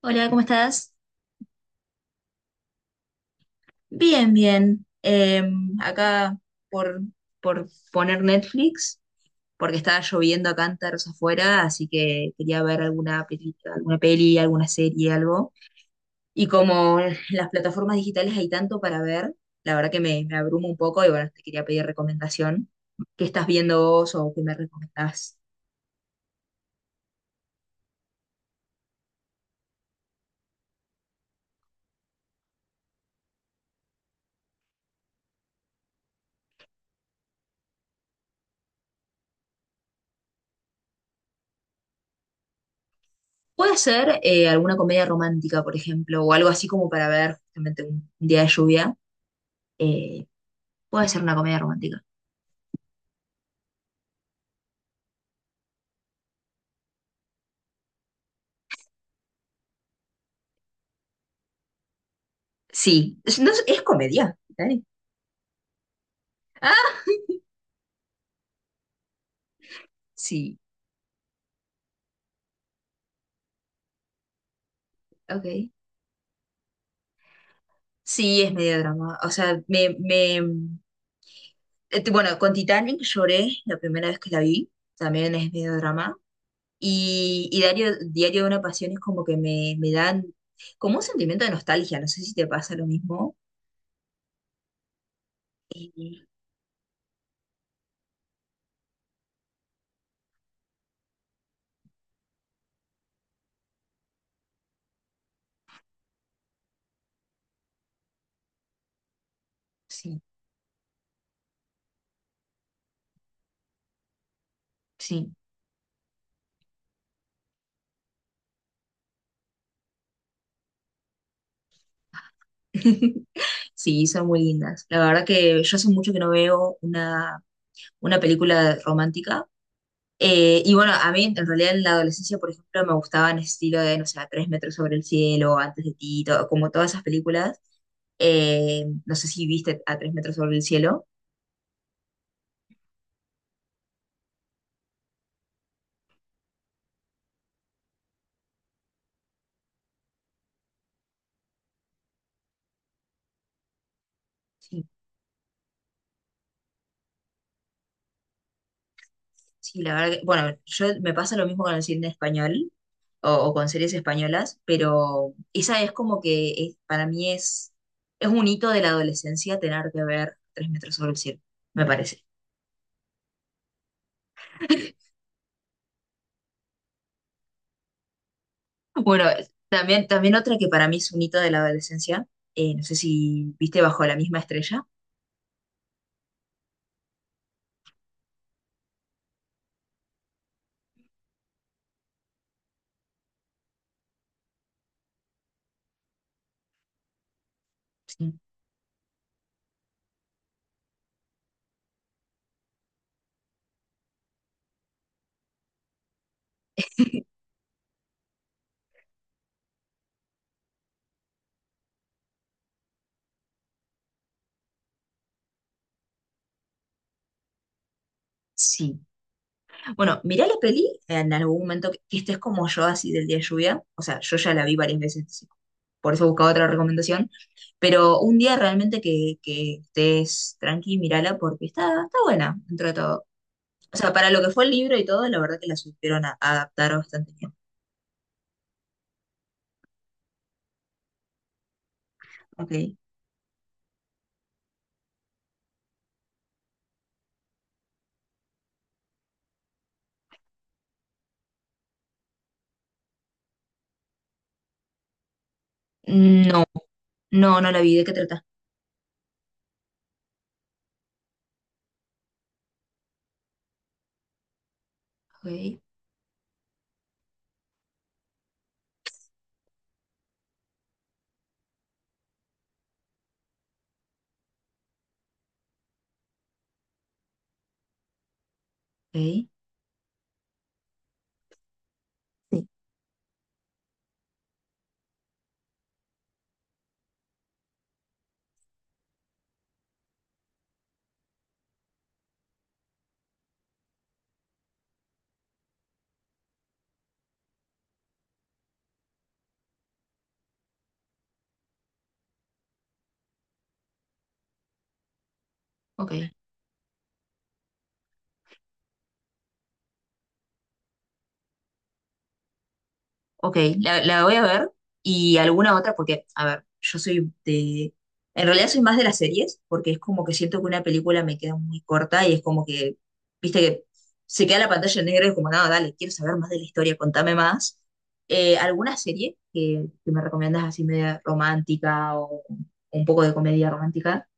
Hola, ¿cómo estás? Bien, bien. Acá por, por poner Netflix, porque estaba lloviendo a cántaros afuera, así que quería ver alguna película, alguna peli, alguna serie, algo. Y como en las plataformas digitales hay tanto para ver, la verdad que me abrumo un poco y bueno, te quería pedir recomendación. ¿Qué estás viendo vos o qué me recomendás? Puede ser alguna comedia romántica, por ejemplo, o algo así como para ver justamente un día de lluvia. Eh, puede ser una comedia romántica. Sí, es, no, es comedia. Dani. Ah, sí, ok. Sí, es medio drama. O sea, bueno, con Titanic lloré la primera vez que la vi. También es medio drama. Y Diario de una Pasión es como que me dan como un sentimiento de nostalgia. No sé si te pasa lo mismo. Y- sí, sí. Sí, son muy lindas. La verdad que yo hace mucho que no veo una película romántica. Y bueno, a mí en realidad en la adolescencia, por ejemplo, me gustaban ese estilo de, no sé, Tres metros sobre el cielo, Antes de ti, como todas esas películas. No sé si viste a Tres metros sobre el cielo. Sí, sí, la verdad que, bueno, yo me pasa lo mismo con el cine español. O, o con series españolas, pero esa es como que para mí es un hito de la adolescencia tener que ver Tres metros sobre el cielo, me parece. Bueno, también otra que para mí es un hito de la adolescencia, no sé si viste Bajo la misma estrella. Sí. Sí. Bueno, mirá la peli en algún momento que estés como yo, así del día de lluvia. O sea, yo ya la vi varias veces, así, por eso buscaba otra recomendación. Pero un día realmente que estés tranqui, mírala porque está buena dentro de todo. O sea, para lo que fue el libro y todo, la verdad que la supieron adaptar bastante bien. Ok. Mm, no, no, no la vi. ¿De qué trata? Ok, ok. Sí. Ok, ok, la voy a ver y alguna otra porque, a ver, yo soy de... En realidad soy más de las series porque es como que siento que una película me queda muy corta y es como que, viste que se queda la pantalla en negro y es como, no, dale, quiero saber más de la historia, contame más. ¿Alguna serie que me recomiendas así media romántica o un poco de comedia romántica?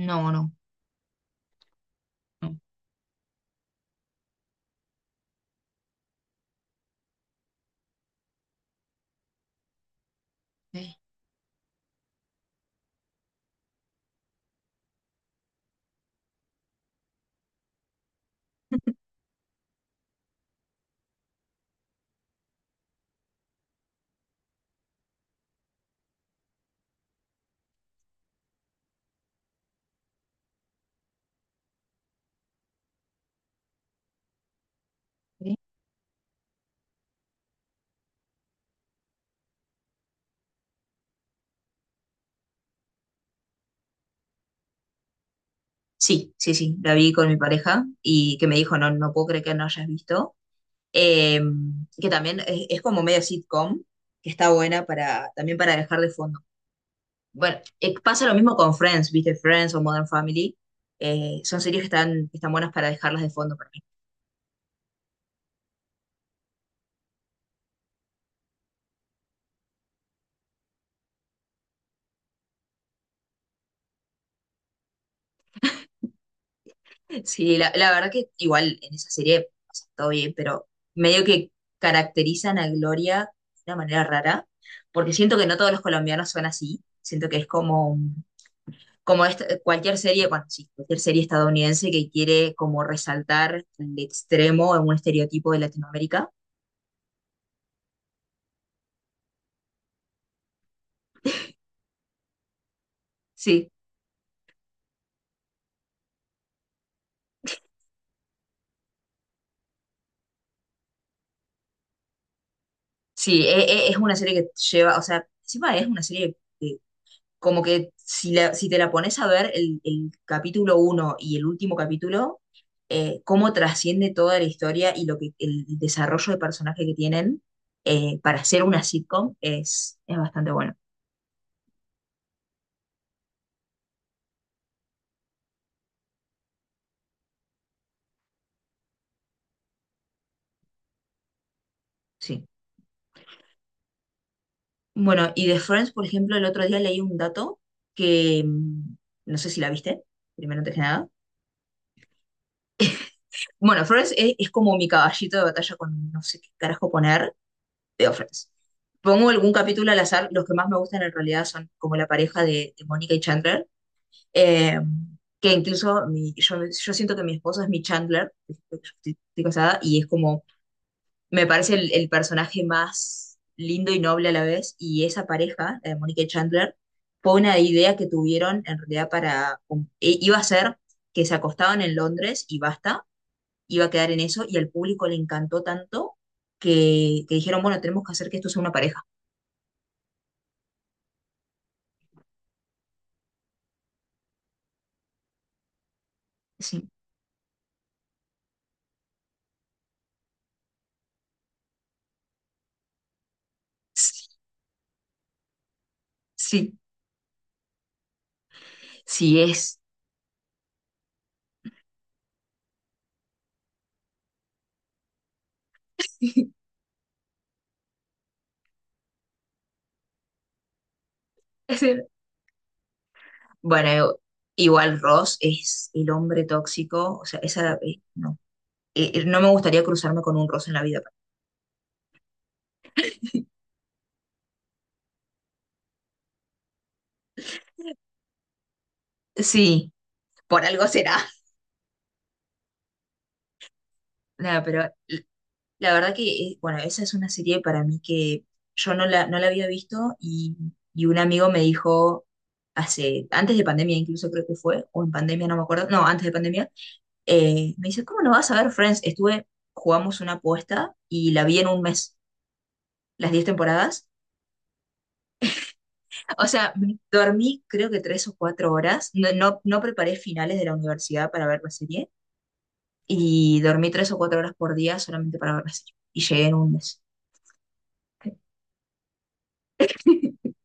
No, no, no. Ok, ok. Sí, sí, sí, la vi con mi pareja y que me dijo, no, no puedo creer que no hayas visto. Eh, que también es como medio sitcom, que está buena para, también para dejar de fondo. Bueno, pasa lo mismo con Friends, ¿viste? Friends o Modern Family. Son series que están, buenas para dejarlas de fondo. Sí, la verdad que igual en esa serie pasa todo bien, pero medio que caracterizan a Gloria de una manera rara, porque siento que no todos los colombianos son así, siento que es como, como cualquier serie, bueno, sí, cualquier serie estadounidense que quiere como resaltar el extremo en un estereotipo de Latinoamérica. Sí, sí, es, una serie que lleva, o sea, encima es una serie como que si, si te la pones a ver el capítulo uno y el último capítulo, cómo trasciende toda la historia y lo que, el desarrollo de personaje que tienen para hacer una sitcom es bastante bueno, sí. Bueno, y de Friends, por ejemplo, el otro día leí un dato que no sé si la viste, primero antes que nada. Bueno, Friends es como mi caballito de batalla con no sé qué carajo poner de Office. Pongo algún capítulo al azar, los que más me gustan en realidad son como la pareja de, Mónica y Chandler, eh, que incluso yo siento que mi esposo es mi Chandler, estoy casada, y es como, me parece el personaje más lindo y noble a la vez, y esa pareja, la de Mónica y Chandler, fue una idea que tuvieron en realidad para, iba a ser que se acostaban en Londres y basta, iba a quedar en eso, y al público le encantó tanto que dijeron, bueno, tenemos que hacer que esto sea una pareja. Sí, sí, sí sí es. Es el- Bueno, igual Ross es el hombre tóxico, o sea, esa, no. No me gustaría cruzarme con un Ross en la vida. Sí, por algo será. Nada, pero la verdad que, bueno, esa es una serie para mí que yo no la había visto y un amigo me dijo hace, antes de pandemia incluso creo que fue, o en pandemia, no me acuerdo, no, antes de pandemia. Me dice, ¿cómo no vas a ver Friends? Estuve, jugamos una apuesta y la vi en un mes, las 10 temporadas. O sea, dormí creo que 3 o 4 horas. No, no, no preparé finales de la universidad para ver la serie y dormí 3 o 4 horas por día solamente para ver la serie. Y llegué en un mes.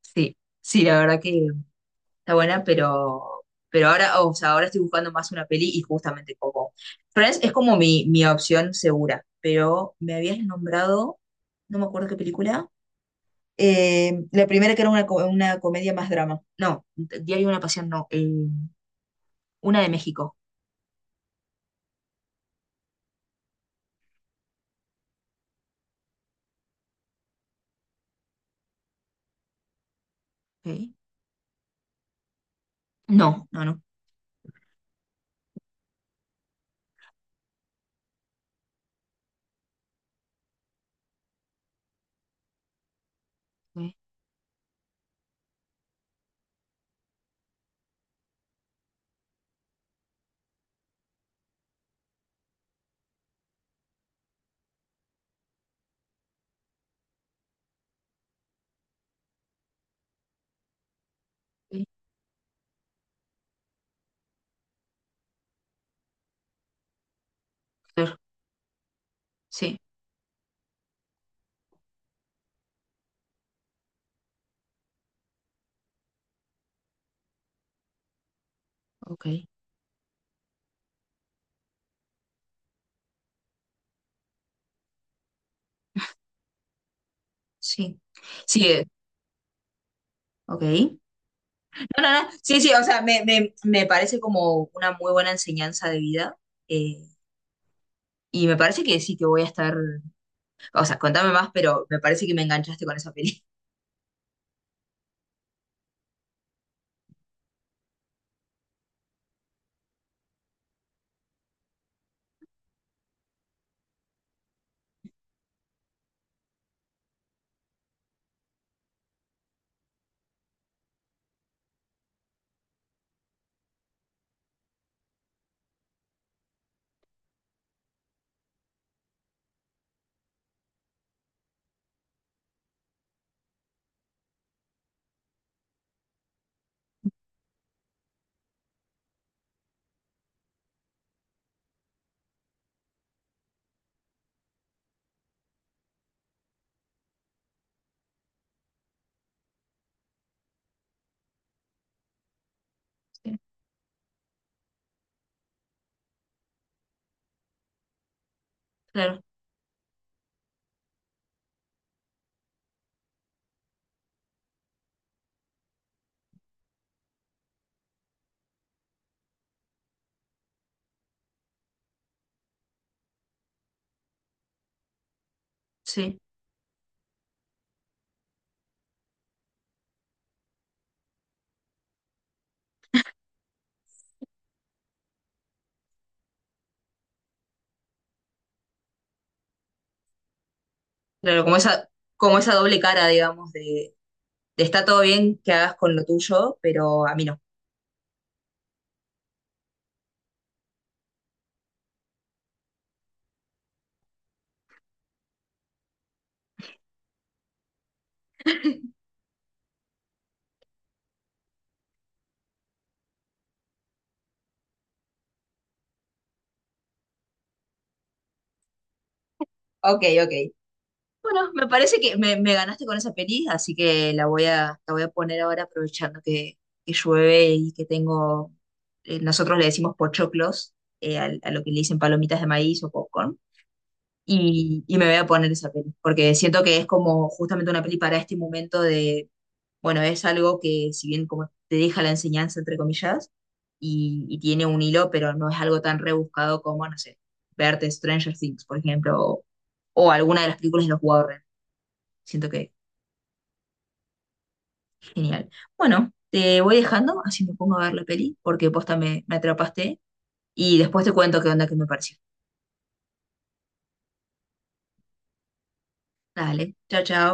Sí, sí, la verdad que está buena, pero, ahora, o sea, ahora estoy buscando más una peli y justamente como Friends es como mi opción segura, pero me habías nombrado, no me acuerdo qué película. La primera que era una comedia más drama. No, Diario de una Pasión no. Una de México. Ok. No, no, no. Ok, ok, claro, sí, ok, sí. Sí, ok. No, no, no. Sí, sí, o sea, me parece como una muy buena enseñanza de vida. eh, y me parece que sí que voy a estar. O sea, contame más, pero me parece que me enganchaste con esa peli. Sí, claro, sí. Claro, como esa doble cara, digamos, de está todo bien que hagas con lo tuyo, pero a mí no. Ok, ok. Bueno, me parece que me ganaste con esa peli, así que la voy a poner ahora aprovechando que llueve y que tengo, nosotros le decimos pochoclos, lo que le dicen palomitas de maíz o popcorn, y me voy a poner esa peli, porque siento que es como justamente una peli para este momento. Bueno, es algo que si bien como te deja la enseñanza, entre comillas, y tiene un hilo, pero no es algo tan rebuscado como, no sé, verte Stranger Things, por ejemplo, o alguna de las películas de los Warren. Siento que genial. Bueno, te voy dejando, así me pongo a ver la peli, porque posta me atrapaste, y después te cuento qué onda que me pareció. Dale, chao, chao.